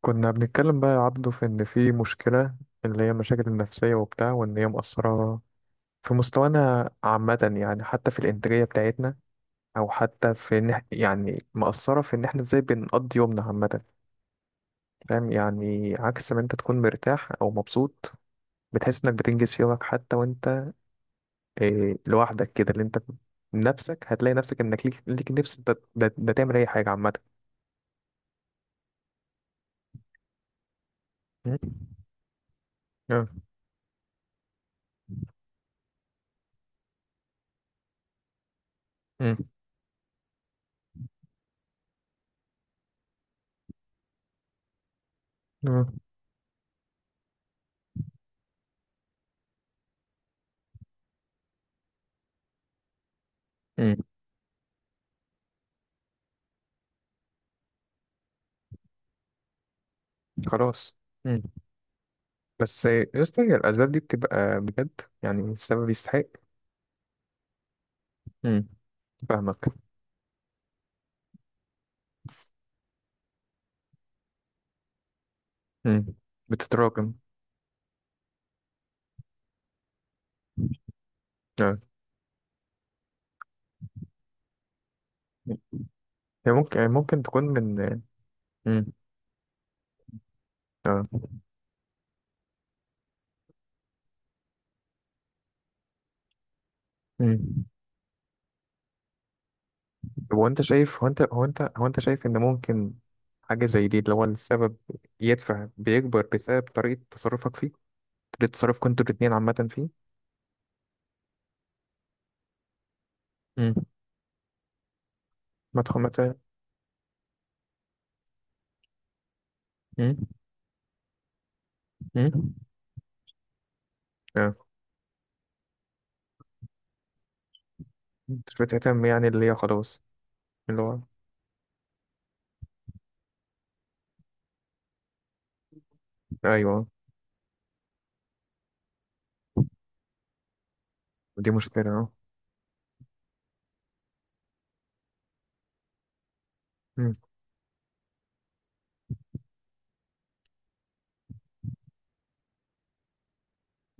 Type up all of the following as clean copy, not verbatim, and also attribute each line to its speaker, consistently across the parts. Speaker 1: كنا بنتكلم بقى يا عبده، في إن في مشكلة، اللي هي مشاكل النفسية وبتاع، وإن هي مؤثرة في مستوانا عامة. يعني حتى في الإنتاجية بتاعتنا، أو حتى في إن يعني مؤثرة في إن إحنا إزاي بنقضي يومنا عامة. فاهم؟ يعني عكس ما أنت تكون مرتاح أو مبسوط، بتحس إنك بتنجز في يومك، حتى وأنت لوحدك كده، اللي أنت نفسك هتلاقي نفسك إنك ليك نفس ده تعمل أي حاجة عامة. م؟ آه. م. آه. م. خلاص. بس يا اسطى، هي الأسباب دي بتبقى بجد؟ يعني السبب يستحق؟ امم. فاهمك. امم. بتتراكم. اه. هي ممكن تكون من. امم. اه. امم. طب هو انت شايف، هو انت هو انت هو انت شايف ان ممكن حاجة زي دي، اللي هو السبب يدفع بيكبر بسبب طريقة تصرفك فيه، طريقة تصرفك انتوا الاتنين عامة فيه. امم. ما تخ- ما ت- امم. امم. اه. مش بتهتم يعني، اللي هي خلاص. اللي هو. ايوه. دي مشكلة، اه.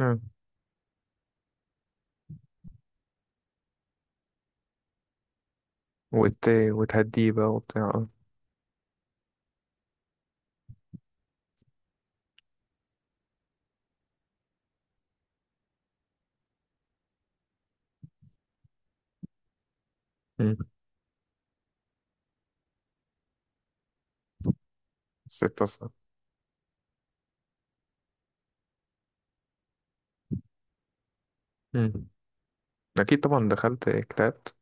Speaker 1: امم. وتهديه بقى وبتاع، اه. مم. ستة، صح؟ مم. أكيد طبعا، دخلت كتابت.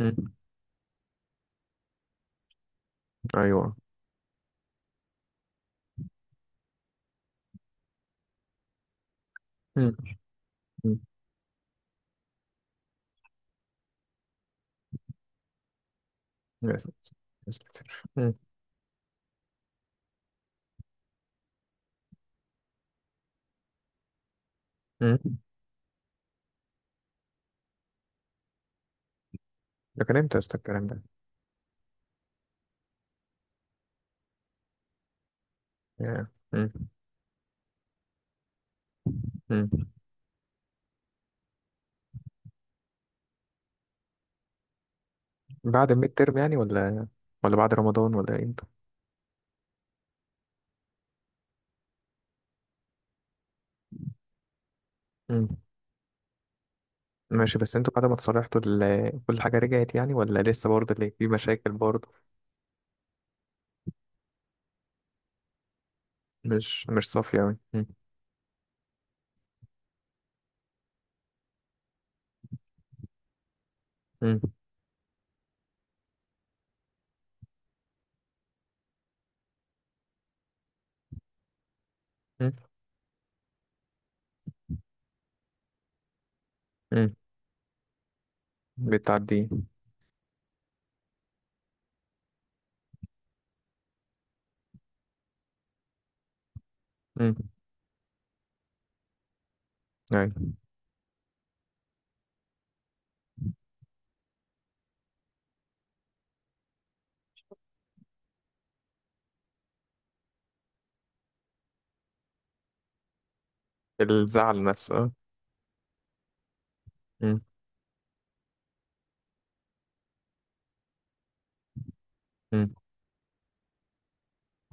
Speaker 1: مم. أيوه. مم. مم. يا ساتر. يا ساتر، مم. مم. ده كان إمتى يا اسطى الكلام ده؟ يا. مم. مم. بعد الميد ترم يعني، ولا بعد رمضان، ولا إمتى؟ مم. ماشي، بس انتوا بعد ما اتصالحتوا كل حاجة رجعت يعني، ولا لسه برضه اللي في مشاكل برضه؟ مش صافية أوي، مم. مم. مم. مم. بتعدي. مم. يعني. الزعل نفسه. اه. مم.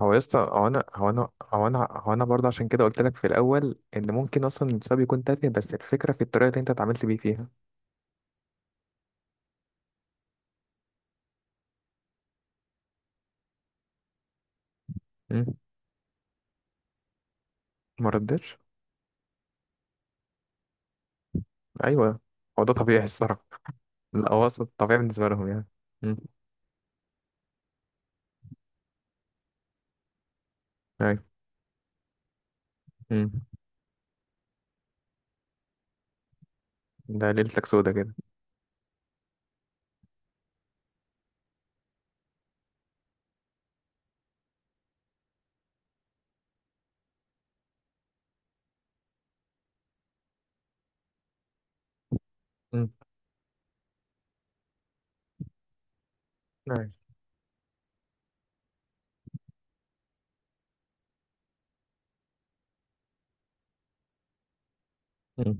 Speaker 1: هو يا اسطى، هو انا برضه عشان كده قلت لك في الاول ان ممكن اصلا السبب يكون تافه، بس الفكره في الطريقه اللي انت اتعاملت بيه فيها. مم. ما ردتش. ايوه. هو ده طبيعي الصراحه. لا هو اصلا طبيعي بالنسبه لهم يعني. مم. ايوه. مم. ده ليلتك سودا كده. مم. ايوه. مم.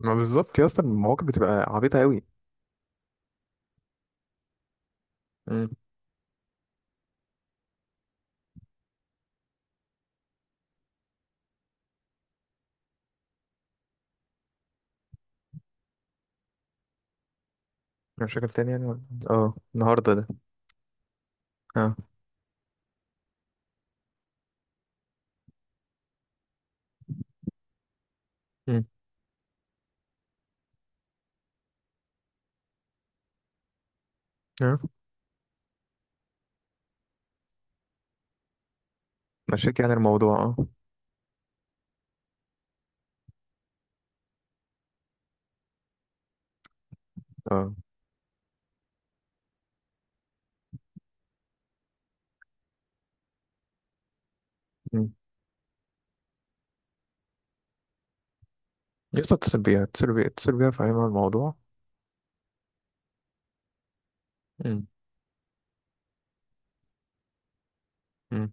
Speaker 1: ما بالظبط يا اسطى، المواقف بتبقى عبيطه قوي. مم. مشاكل تانية يعني اه النهارده ده. اه. مم. اه. مشاكل يعني الموضوع، اه. اه. مم. يا اسطى، اتصل بيها اتصل بيها اتصل بيها، فاهمها الموضوع. مم.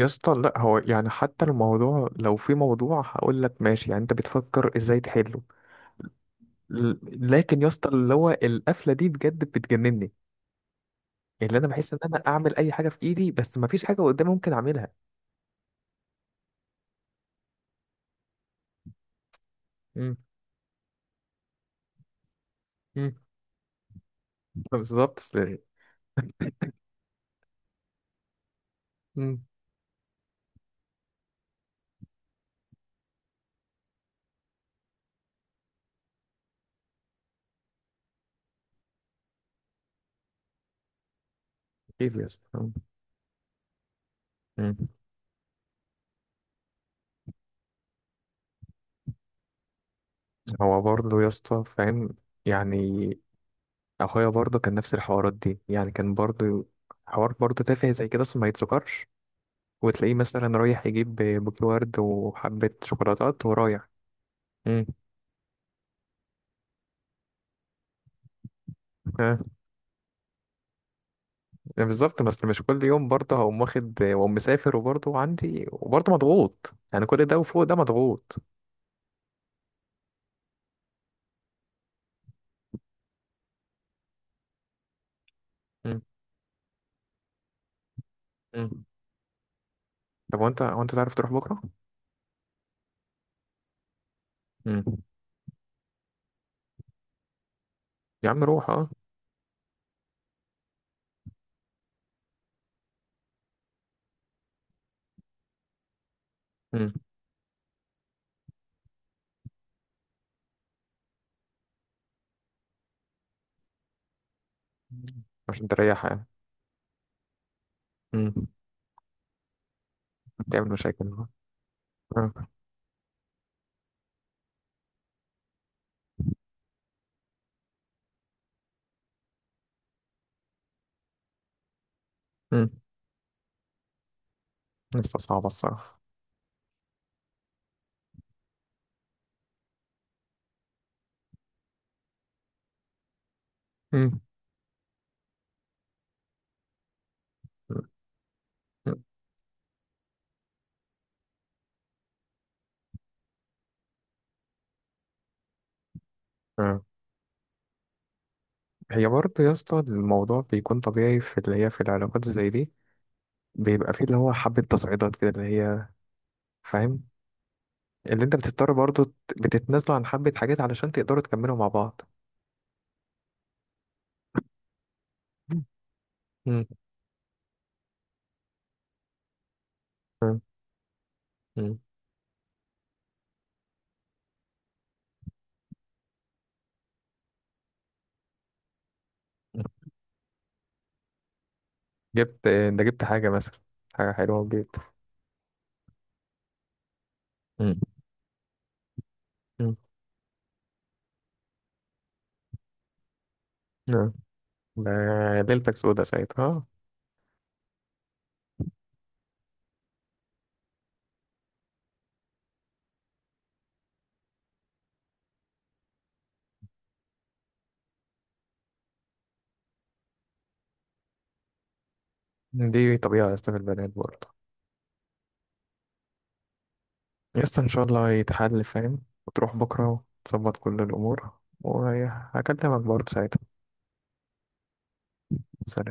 Speaker 1: يا اسطى، لا هو يعني حتى الموضوع لو في موضوع هقول لك ماشي، يعني انت بتفكر ازاي تحله؟ ل- لكن يا اسطى، اللي هو القفله دي بجد بتجنني. يعني اللي انا بحس ان انا اعمل اي حاجه في ايدي، بس ما فيش حاجه قدامي ممكن اعملها. مم. مم. بالظبط، أصل. مم. اكيد يا اسطى، مم. مم. هو برضه يا اسطى، فاهم؟ يعني اخويا برضه كان نفس الحوارات دي، يعني كان برضه حوار برضه تافه زي كده، اصلا ما يتذكرش. وتلاقيه مثلا رايح يجيب بوكيه ورد وحبة شوكولاتات ورايح. امم. ها. بالظبط، بس مش كل يوم برضه هقوم واخد واقوم مسافر، وبرضه عندي وبرضه مضغوط، يعني كل ده وفوق ده مضغوط. امم. امم. طب وانت تعرف تروح بكرة؟ امم. يا عم روح، اه. امم. عشان تريح يعني. امم. تعمل مشاكل. اه. امم. لسه صعبة الصراحة. امم. آه. هي برضه يا اسطى، الموضوع بيكون طبيعي في اللي هي، في العلاقات زي دي بيبقى فيه اللي هو حبة تصعيدات كده، اللي هي، فاهم؟ اللي انت بتضطر برضو بتتنازلوا عن حبة حاجات علشان تقدروا تكملوا مع بعض. مم. مم. مم. مم. جبت حاجة مثلا، حاجة حلوة وجبت. مم. مم. آه. ده ليلتك سودة ساعتها، آه. دي طبيعة يا اسطى في البنات برضه. يا اسطى إن شاء الله يتحل، فاهم؟ وتروح بكرة وتظبط كل الأمور، وهكلمك برضه ساعتها. سلام.